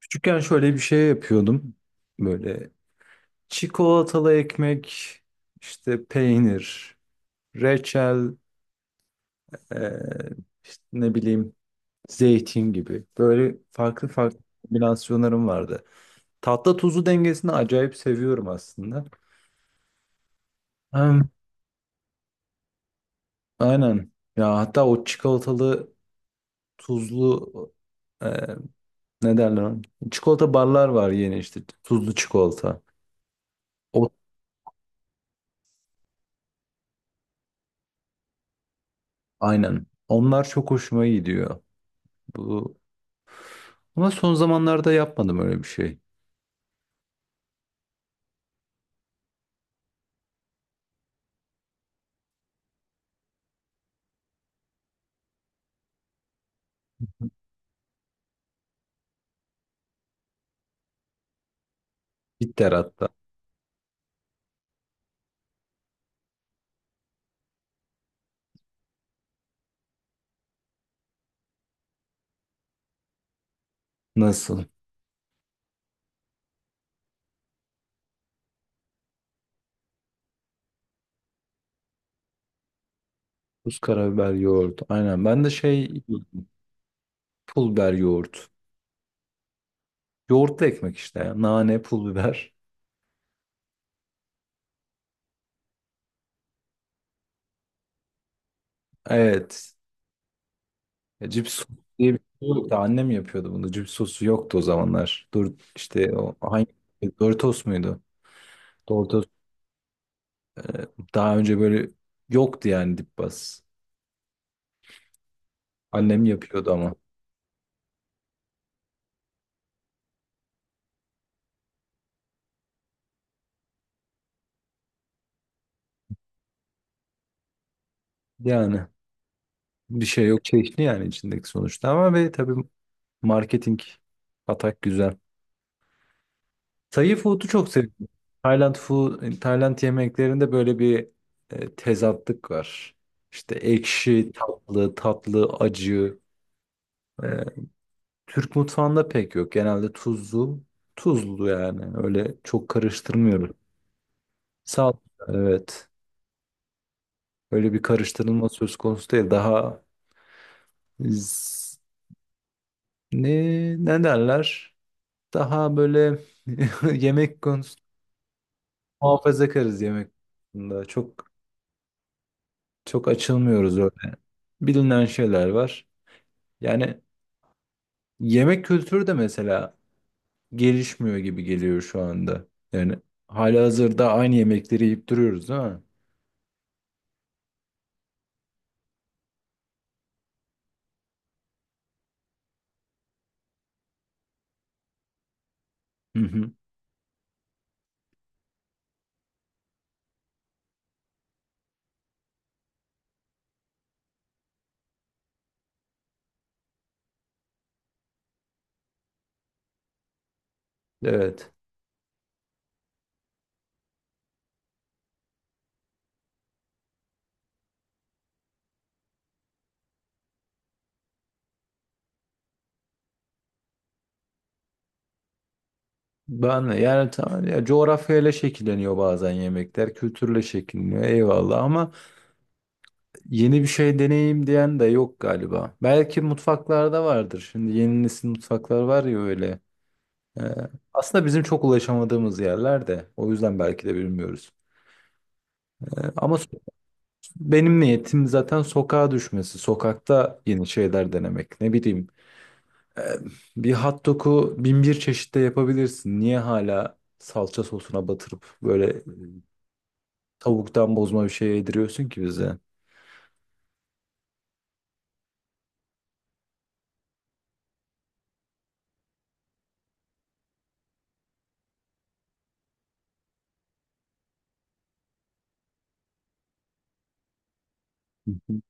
Küçükken şöyle bir şey yapıyordum. Böyle çikolatalı ekmek, işte peynir, reçel, eee, işte ne bileyim zeytin gibi. Böyle farklı farklı kombinasyonlarım vardı. Tatlı tuzlu dengesini acayip seviyorum aslında. Hmm. Aynen. Ya hatta o çikolatalı tuzlu eee, ne derler ona? Çikolata barlar var yeni işte tuzlu çikolata. O aynen. Onlar çok hoşuma gidiyor. Bu Ama son zamanlarda yapmadım öyle bir şey. Bitter hatta. Nasıl? Tuz, karabiber, yoğurt. Aynen. Ben de şey pul biber yoğurt. Yoğurtlu ekmek işte ya. Nane, pul biber. Evet. Ya, cips sosu diye bir şey yoktu. Annem yapıyordu bunu. Cips sosu yoktu o zamanlar. Dur işte o hangi Doritos muydu? Doritos. Daha önce böyle yoktu yani dip bas. Annem yapıyordu ama. Yani bir şey yok. Çeşni yani içindeki sonuçta ama ve tabii marketing atak güzel. Thai food'u çok seviyorum. Tayland yemeklerinde böyle bir tezatlık var. İşte ekşi, tatlı, acı. E, Türk mutfağında pek yok. Genelde tuzlu yani. Öyle çok karıştırmıyoruz. Sağ evet. Öyle bir karıştırılma söz konusu değil. Daha z- ne ne derler? Daha böyle yemek konusu muhafazakarız yemek konusunda. Çok açılmıyoruz öyle. Bilinen şeyler var. Yani yemek kültürü de mesela gelişmiyor gibi geliyor şu anda. Yani halihazırda aynı yemekleri yiyip duruyoruz, değil mi? Hı hı. Evet. Ben de yani tamam ya, coğrafyayla şekilleniyor bazen yemekler, kültürle şekilleniyor eyvallah ama yeni bir şey deneyeyim diyen de yok galiba. Belki mutfaklarda vardır. Şimdi yeni nesil mutfaklar var ya öyle. Ee, aslında bizim çok ulaşamadığımız yerlerde. O yüzden belki de bilmiyoruz. E, Ama so- Benim niyetim zaten sokağa düşmesi. Sokakta yeni şeyler denemek. Ne bileyim, e, bir hot dog'u bin bir çeşitte yapabilirsin. Niye hala salça sosuna batırıp böyle, tavuktan bozma bir şey yediriyorsun ki bize? Hı hı.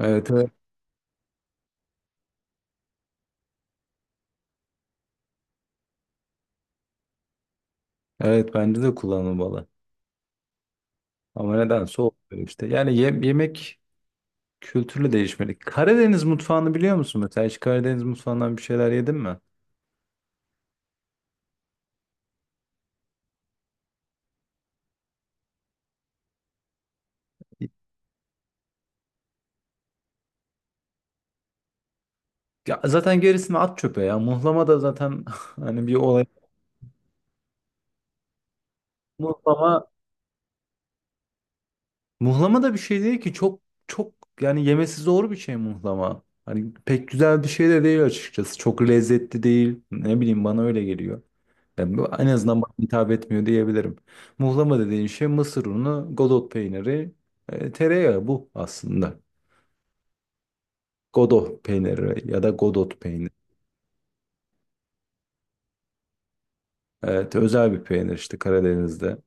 Evet, evet. Evet, bence de kullanılmalı. Ama nedense olmuyor işte. Yani yemek kültürlü değişmeli. Karadeniz mutfağını biliyor musun mesela? Hiç Karadeniz mutfağından bir şeyler yedin mi? Ya zaten gerisini at çöpe ya. Muhlama da zaten hani bir olay. Muhlama muhlama da bir şey değil ki, çok çok yani yemesi zor bir şey muhlama. Hani pek güzel bir şey de değil açıkçası. Çok lezzetli değil. Ne bileyim, bana öyle geliyor. Yani en azından bana hitap etmiyor diyebilirim. Muhlama dediğin şey mısır unu, godot peyniri, tereyağı, bu aslında. Godot peyniri ya da godot peyniri. Evet, özel bir peynir işte Karadeniz'de.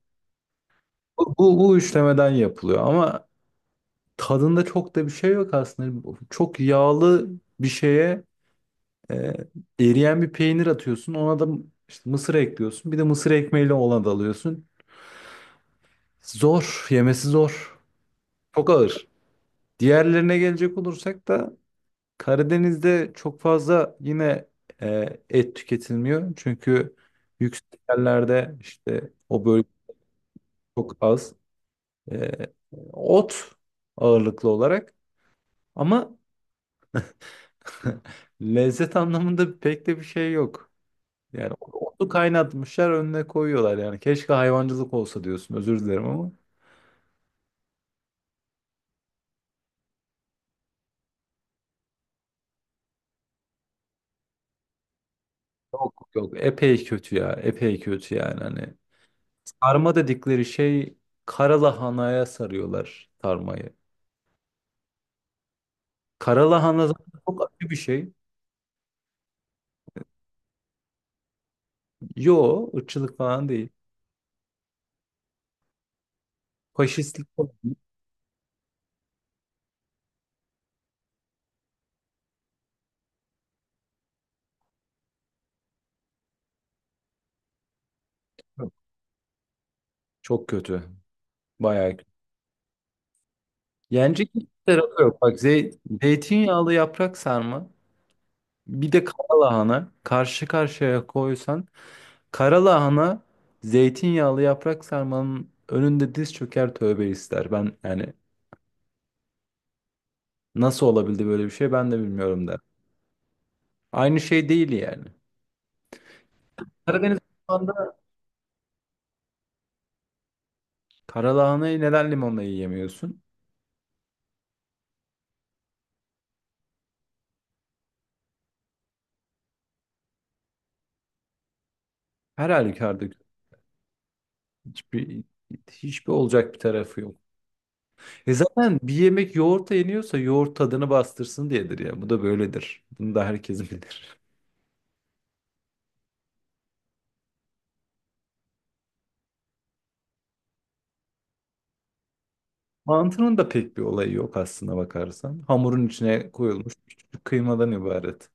Bu işlemeden yapılıyor ama tadında çok da bir şey yok aslında. Çok yağlı bir şeye, Ee, eriyen bir peynir atıyorsun. Ona da işte mısır ekliyorsun. Bir de mısır ekmeğiyle ona da alıyorsun. Zor. Yemesi zor. Çok ağır. Diğerlerine gelecek olursak da Karadeniz'de çok fazla yine et tüketilmiyor. Çünkü yüksek yerlerde işte, o bölge çok az. E, ot ağırlıklı olarak ama lezzet anlamında pek de bir şey yok. Yani onu kaynatmışlar önüne koyuyorlar yani. Keşke hayvancılık olsa diyorsun. Özür dilerim ama. Yok yok, epey kötü ya. Epey kötü yani hani. Sarma dedikleri şey, karalahanaya sarıyorlar sarmayı. Karalahana zaten çok acı bir şey. Yo, ırkçılık falan değil. Faşistlik falan yok. Çok kötü. Bayağı kötü. Yenecek hiçbir tarafı yok. Bak, zeytinyağlı yaprak sarma bir de karalahana, karşı karşıya koysan, karalahana zeytinyağlı yaprak sarmanın önünde diz çöker tövbe ister. Ben yani nasıl olabildi böyle bir şey ben de bilmiyorum der. Aynı şey değil yani. Karadeniz mutfağında karalahanayı neden limonla yiyemiyorsun? Her halükarda hiçbir hiçbir olacak bir tarafı yok. E zaten bir yemek yoğurtla yeniyorsa yoğurt tadını bastırsın diyedir ya. Bu da böyledir. Bunu da herkes bilir. Mantının da pek bir olayı yok aslına bakarsan. Hamurun içine koyulmuş küçük kıymadan ibaret.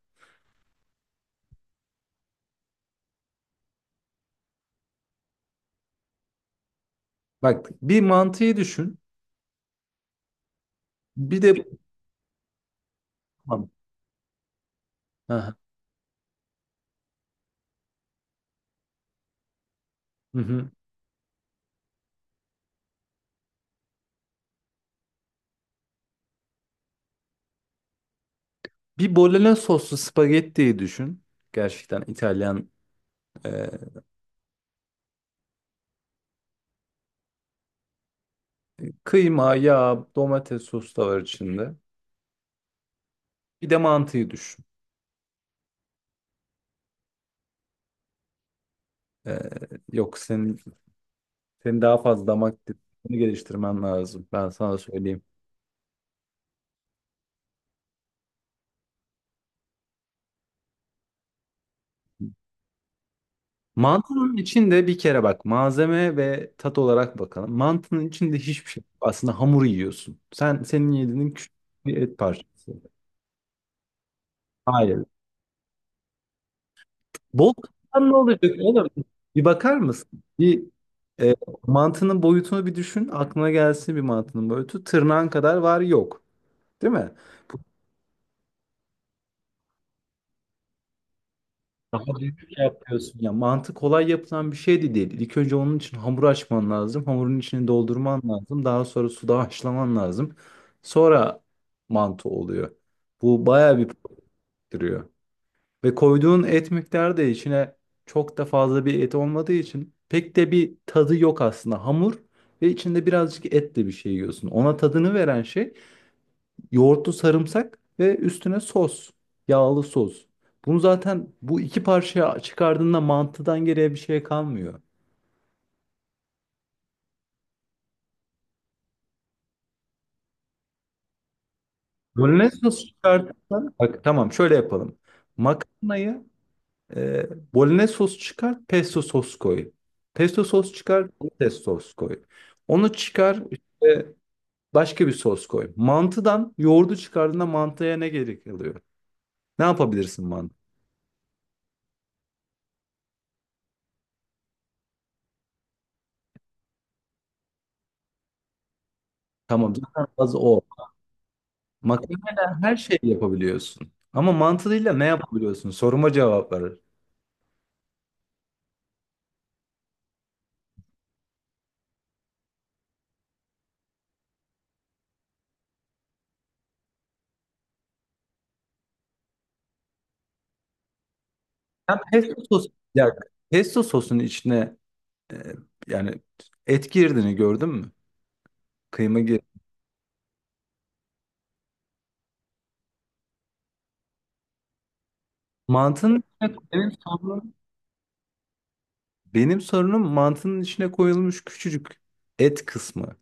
Bak, bir mantıyı düşün. Bir de. Tamam. Aha. Hı hı. Bir bolognese soslu spagettiyi düşün. Gerçekten İtalyan, e, kıyma, yağ, domates sosu da var içinde. Bir de mantıyı düşün. E, yok, senin daha fazla damak tadını geliştirmen lazım. Ben sana söyleyeyim. Mantının içinde bir kere, bak, malzeme ve tat olarak bakalım. Mantının içinde hiçbir şey yok. Aslında hamur yiyorsun. senin yediğin küçük bir et parçası. Hayır. Bol kazan ne olacak oğlum? Bir bakar mısın? Bir e, Mantının boyutunu bir düşün. Aklına gelsin bir mantının boyutu. Tırnağın kadar var yok. Değil mi? Bu daha büyük yapıyorsun. Ya, mantı kolay yapılan bir şey de değil. İlk önce onun için hamur açman lazım. Hamurun içini doldurman lazım. Daha sonra suda haşlaman lazım. Sonra mantı oluyor. Bu bayağı bir gerektiriyor. Ve koyduğun et miktarı da içine çok da fazla bir et olmadığı için pek de bir tadı yok aslında. Hamur ve içinde birazcık etle bir şey yiyorsun. Ona tadını veren şey yoğurtlu sarımsak ve üstüne sos, yağlı sos. Bunu zaten bu iki parçaya çıkardığında mantıdan geriye bir şey kalmıyor. Bolognese sosu çıkarttığında bak, tamam, şöyle yapalım. Makarnayı E, Bolognese sos çıkar, pesto sos koy. Pesto sos çıkar, domates sos koy. Onu çıkar, işte başka bir sos koy. Mantıdan yoğurdu çıkardığında mantıya ne gerek kalıyor? Ne yapabilirsin mantı? Tamam, zaten az o. Makarnayla her şeyi yapabiliyorsun. Ama mantıyla ne yapabiliyorsun? Soruma cevap ver. Ben pesto sos, ya, pesto sosun içine, e, yani, et girdiğini gördün mü? Kıyma gir. Mantının içine benim sorunum Benim sorunum mantının içine koyulmuş küçücük et kısmı.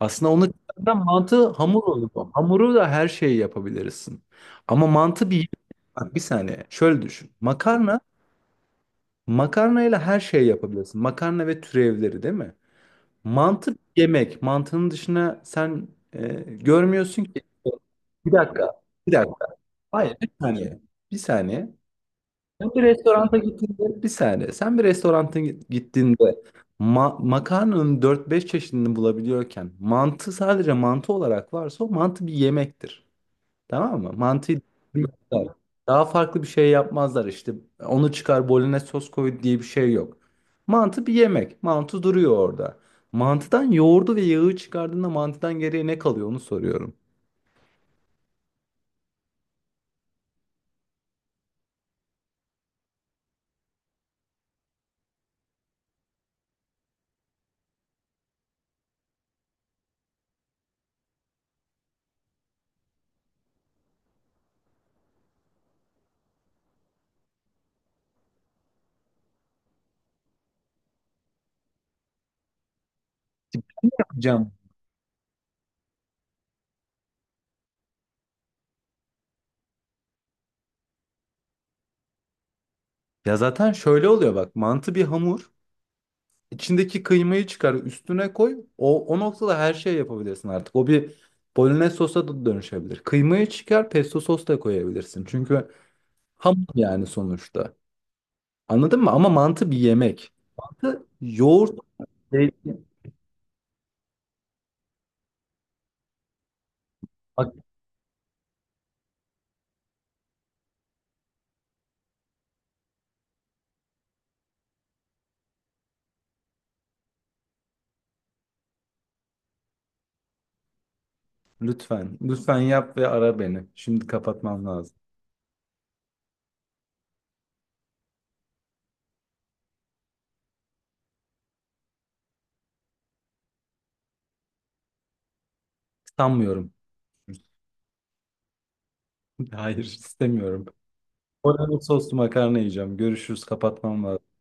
Aslında onu çıkartan mantı hamur olur. Hamuru da her şeyi yapabilirsin. Ama mantı bir... Bak bir saniye. Şöyle düşün. Makarnayla her şeyi yapabilirsin. Makarna ve türevleri, değil mi? Mantı bir yemek. Mantının dışına sen görmüyorsun ki. Bir dakika. Bir dakika. Hayır, bir saniye. Bir saniye. Sen bir restoranta gittiğinde bir saniye. Sen bir restoranta gittiğinde makarnanın dört beş çeşidini bulabiliyorken, mantı sadece mantı olarak varsa o mantı bir yemektir. Tamam mı? Mantıyı bilmezler, daha farklı bir şey yapmazlar işte. Onu çıkar bolognese sos koy diye bir şey yok. Mantı bir yemek. Mantı duruyor orada. Mantıdan yoğurdu ve yağı çıkardığında mantıdan geriye ne kalıyor onu soruyorum. Cam. Ya zaten şöyle oluyor bak. Mantı bir hamur. İçindeki kıymayı çıkar, üstüne koy. O noktada her şey yapabilirsin artık. O bir bolognese sosa da dönüşebilir. Kıymayı çıkar, pesto sos da koyabilirsin. Çünkü ham yani sonuçta. Anladın mı? Ama mantı bir yemek. Mantı yoğurt, zeytin. Bak, lütfen, lütfen yap ve ara beni. Şimdi kapatmam lazım. Sanmıyorum. Hayır, istemiyorum. Bolognese soslu makarna yiyeceğim. Görüşürüz, kapatmam lazım.